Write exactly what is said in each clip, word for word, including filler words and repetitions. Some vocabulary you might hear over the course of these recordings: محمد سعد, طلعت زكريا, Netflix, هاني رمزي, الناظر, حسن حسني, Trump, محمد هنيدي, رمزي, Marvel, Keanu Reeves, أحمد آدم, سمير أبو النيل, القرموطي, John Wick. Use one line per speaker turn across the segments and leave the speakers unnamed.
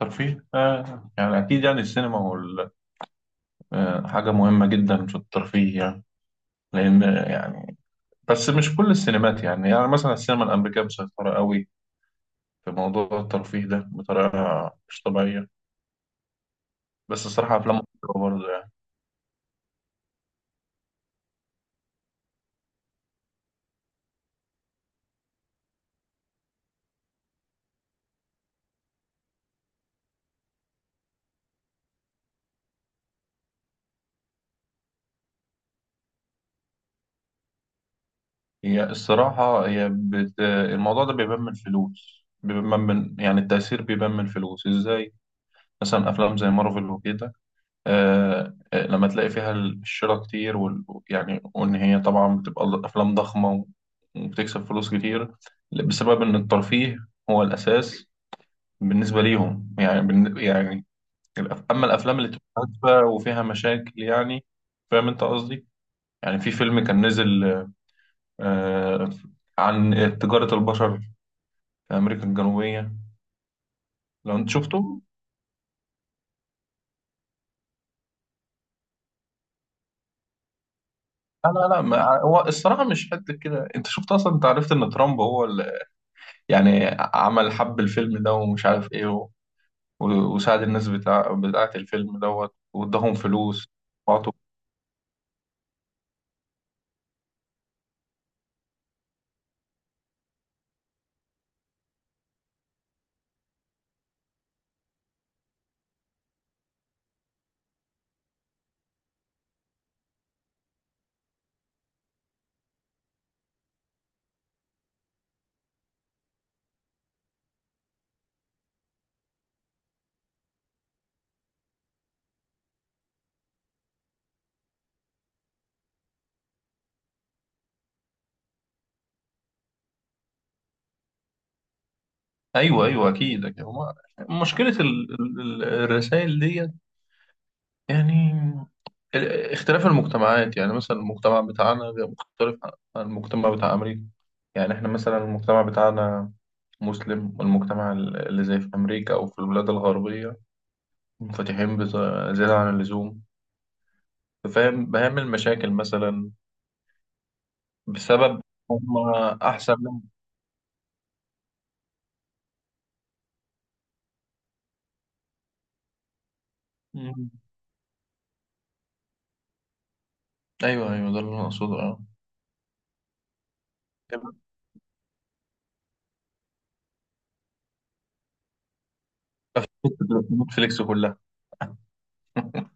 ترفيه، آه يعني أكيد، يعني السينما هو ال- آه حاجة مهمة جدا في الترفيه، يعني. لأن، يعني بس مش كل السينمات، يعني يعني مثلا السينما الأمريكية مسيطرة قوي في موضوع الترفيه ده بطريقة مش طبيعية. بس الصراحة أفلام مصر برضه، يعني. هي الصراحة، هي بت... الموضوع ده بيبان من الفلوس، بيبان من يعني التأثير، بيبان من الفلوس إزاي. مثلا أفلام زي مارفل وكده. آه، آه، لما تلاقي فيها الشراء كتير وال... يعني وإن هي طبعا بتبقى أفلام ضخمة، وبتكسب فلوس كتير، بسبب إن الترفيه هو الأساس بالنسبة ليهم، يعني بالن... يعني. الأف- أما الأفلام اللي بتبقى هادفة وفيها مشاكل، يعني. فاهم أنت قصدي؟ يعني في فيلم كان نزل آه، عن تجارة البشر في أمريكا الجنوبية، لو أنت شفته. لا، لا، لا، ما هو الصراحة مش قد كده. أنت شفت أصلا، أنت عرفت إن ترامب هو اللي يعني عمل حب الفيلم ده، ومش عارف ايه و- و- وساعد الناس بتاع بتاعة الفيلم دوت، واداهم فلوس وعطوا. ايوه، ايوه، اكيد أكيد. هما مشكلة ال- ال- الرسائل ديت، يعني ال- اختلاف المجتمعات، يعني مثلا المجتمع بتاعنا غير مختلف عن المجتمع بتاع أمريكا. يعني احنا مثلا المجتمع بتاعنا مسلم، والمجتمع ال- اللي زي في أمريكا أو في البلاد الغربية منفتحين بز- زيادة عن اللزوم. فاهم بهم المشاكل مثلا، بسبب هم احسن من. مم. ايوه، ايوه، ده اللي انا اقصده، اه. نتفليكس كلها.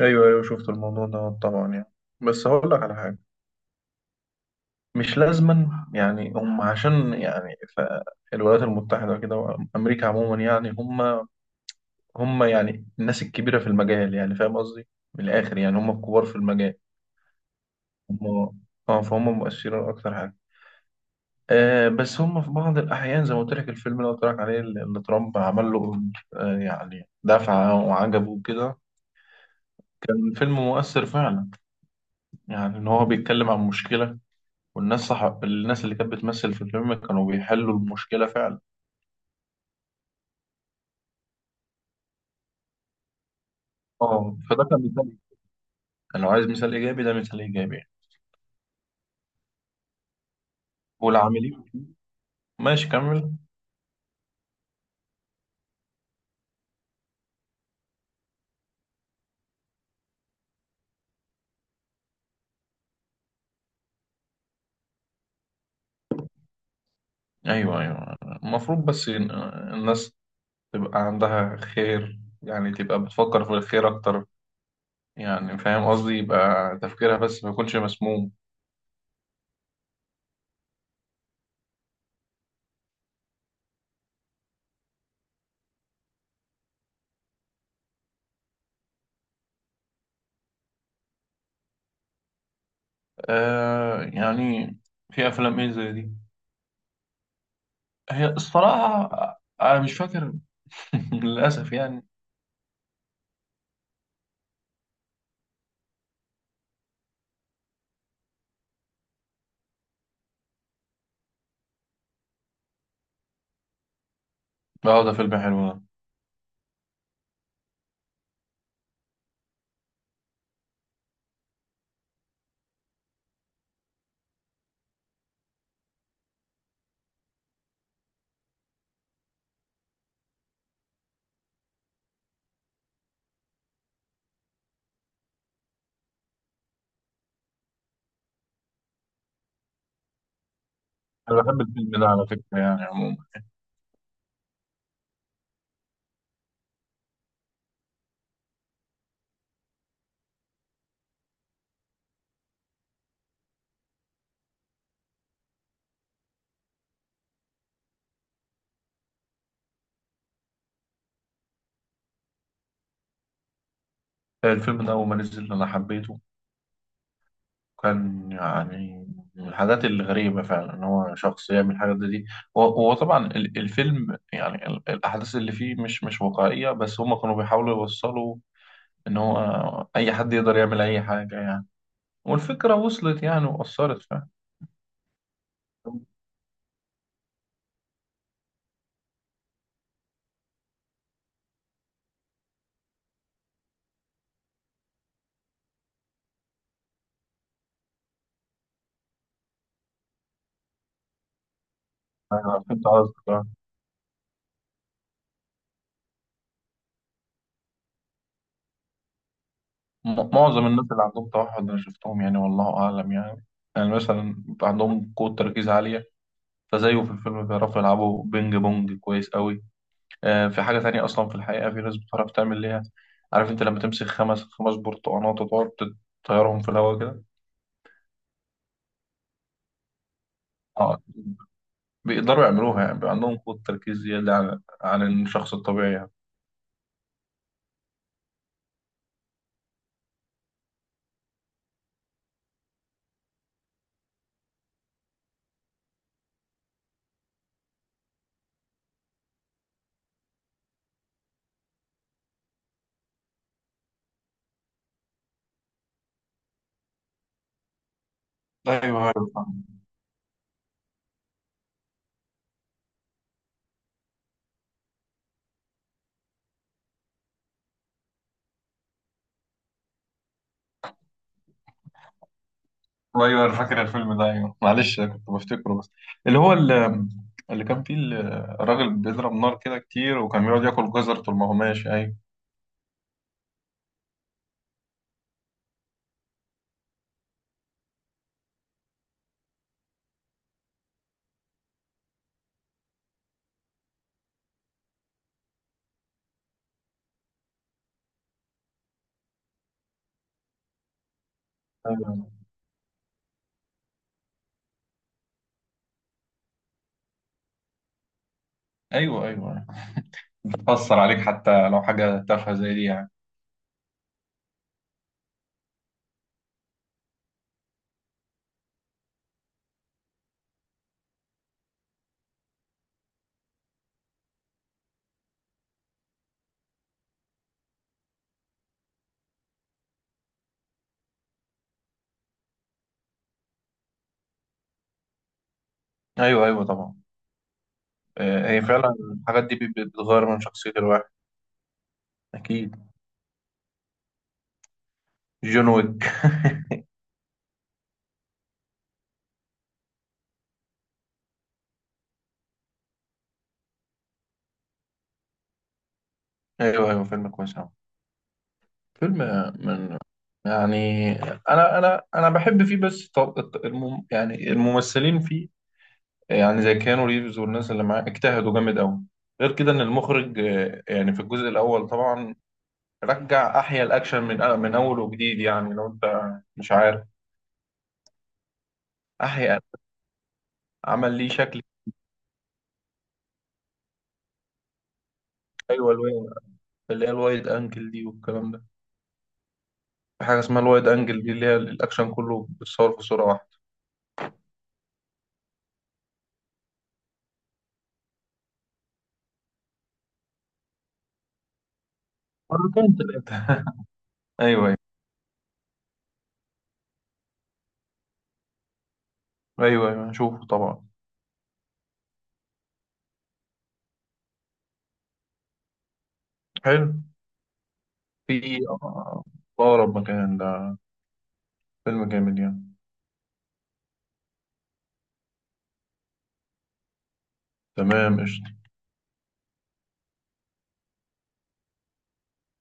ايوه، ايوه، شفت الموضوع ده طبعا، يعني بس هقول لك على حاجه. مش لازما، يعني هم عشان يعني ف- الولايات المتحده كده، وامريكا عموما يعني هم هم، يعني الناس الكبيره في المجال. يعني فاهم قصدي، من الاخر يعني هم الكبار في المجال. هم. اه، فهم مؤثرين اكتر حاجه. آه بس هم في بعض الأحيان زي ما قلت لك، الفيلم اللي قلت لك عليه اللي اللي ترامب عمل له آه يعني دفعة وعجبه وكده. الفيلم مؤثر فعلا، يعني إن هو بيتكلم عن مشكلة، والناس صح، الناس اللي كانت بتمثل في الفيلم كانوا بيحلوا المشكلة فعلا. اه، فده كان مثال. كان لو عايز مثال إيجابي، ده مثال إيجابي. والعاملين فيه. ماشي، كمل. أيوه، أيوه، المفروض بس إن- الناس تبقى عندها خير، يعني تبقى بتفكر في الخير أكتر، يعني فاهم قصدي، يبقى تفكيرها بس ما يكونش مسموم. آه يعني في افلام ايه زي دي، هي الصراحه انا مش فاكر. للاسف يعني. اه، ده فيلم حلو ده. انا بحب الفيلم ده على فكره، يعني عموما. الفيلم ده اول ما نزل انا حبيته، كان يعني من الحاجات الغريبه فعلا ان هو شخص يعمل الحاجات دي. هو هو طبعا ال- الفيلم، يعني ال- الاحداث اللي فيه مش مش واقعيه، بس هم كانوا بيحاولوا يوصلوا ان هو اي حد يقدر يعمل اي حاجه، يعني. والفكرة وصلت يعني وأثرت، فاهم. أنا فهمت قصدك، آه. م- معظم الناس اللي عندهم توحد أنا شفتهم، يعني والله أعلم يعني. يعني مثلا عندهم قوة تركيز عالية، فزيه في الفيلم بيعرفوا يلعبوا بينج بونج كويس قوي. آه في حاجة تانية أصلا، في الحقيقة في ناس بتعرف تعمل ليها. عارف أنت لما تمسك خمس خمس برتقانات وتقعد تطيرهم في الهواء كده. آه بيقدروا يعملوها، يعني بيبقى عندهم قوة تركيز زيادة عن عن الشخص الطبيعي، يعني. ايوه، ايوه، ايوه، انا فاكر الفيلم ده. ايوه، معلش أنا كنت بفتكره بس، اللي هو اللي, اللي كان فيه ال- الراجل بيضرب نار كده كتير، وكان بيقعد ياكل جزر طول ما هو ماشي، ايوه. ايوه، ايوه، ايوه، بتأثر عليك حتى لو حاجه تافهه زي دي، يعني. ايوه، ايوه، طبعا. آه، هي فعلا الحاجات دي بت- بتغير من شخصيه الواحد. اكيد. جون ويك. ايوه، ايوه، فيلم كويس أوي. فيلم من، يعني. انا انا انا بحب فيه، بس طب الم يعني الممثلين فيه، يعني زي كيانو ريفز والناس اللي معاه اجتهدوا جامد قوي. غير كده ان المخرج، آه، يعني في الجزء الاول طبعا رجع احيا الاكشن من آه، من اول وجديد، يعني لو انت مش عارف. احيا، عمل ليه شكل. ايوه، الوي- اللي هي الوايد انجل دي والكلام ده. في حاجه اسمها الوايد انجل دي، اللي هي الاكشن كله بيتصور في صوره واحده. مرتين، ثلاثه. ايوه، ايوه، ايوه، ايوه، شوفه طبعا. حلو. في آه، اقرب مكان ده. فيلم جامد يعني. تمام، قشطة.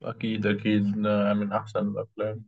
اكيد، اكيد، ده من احسن الافلام.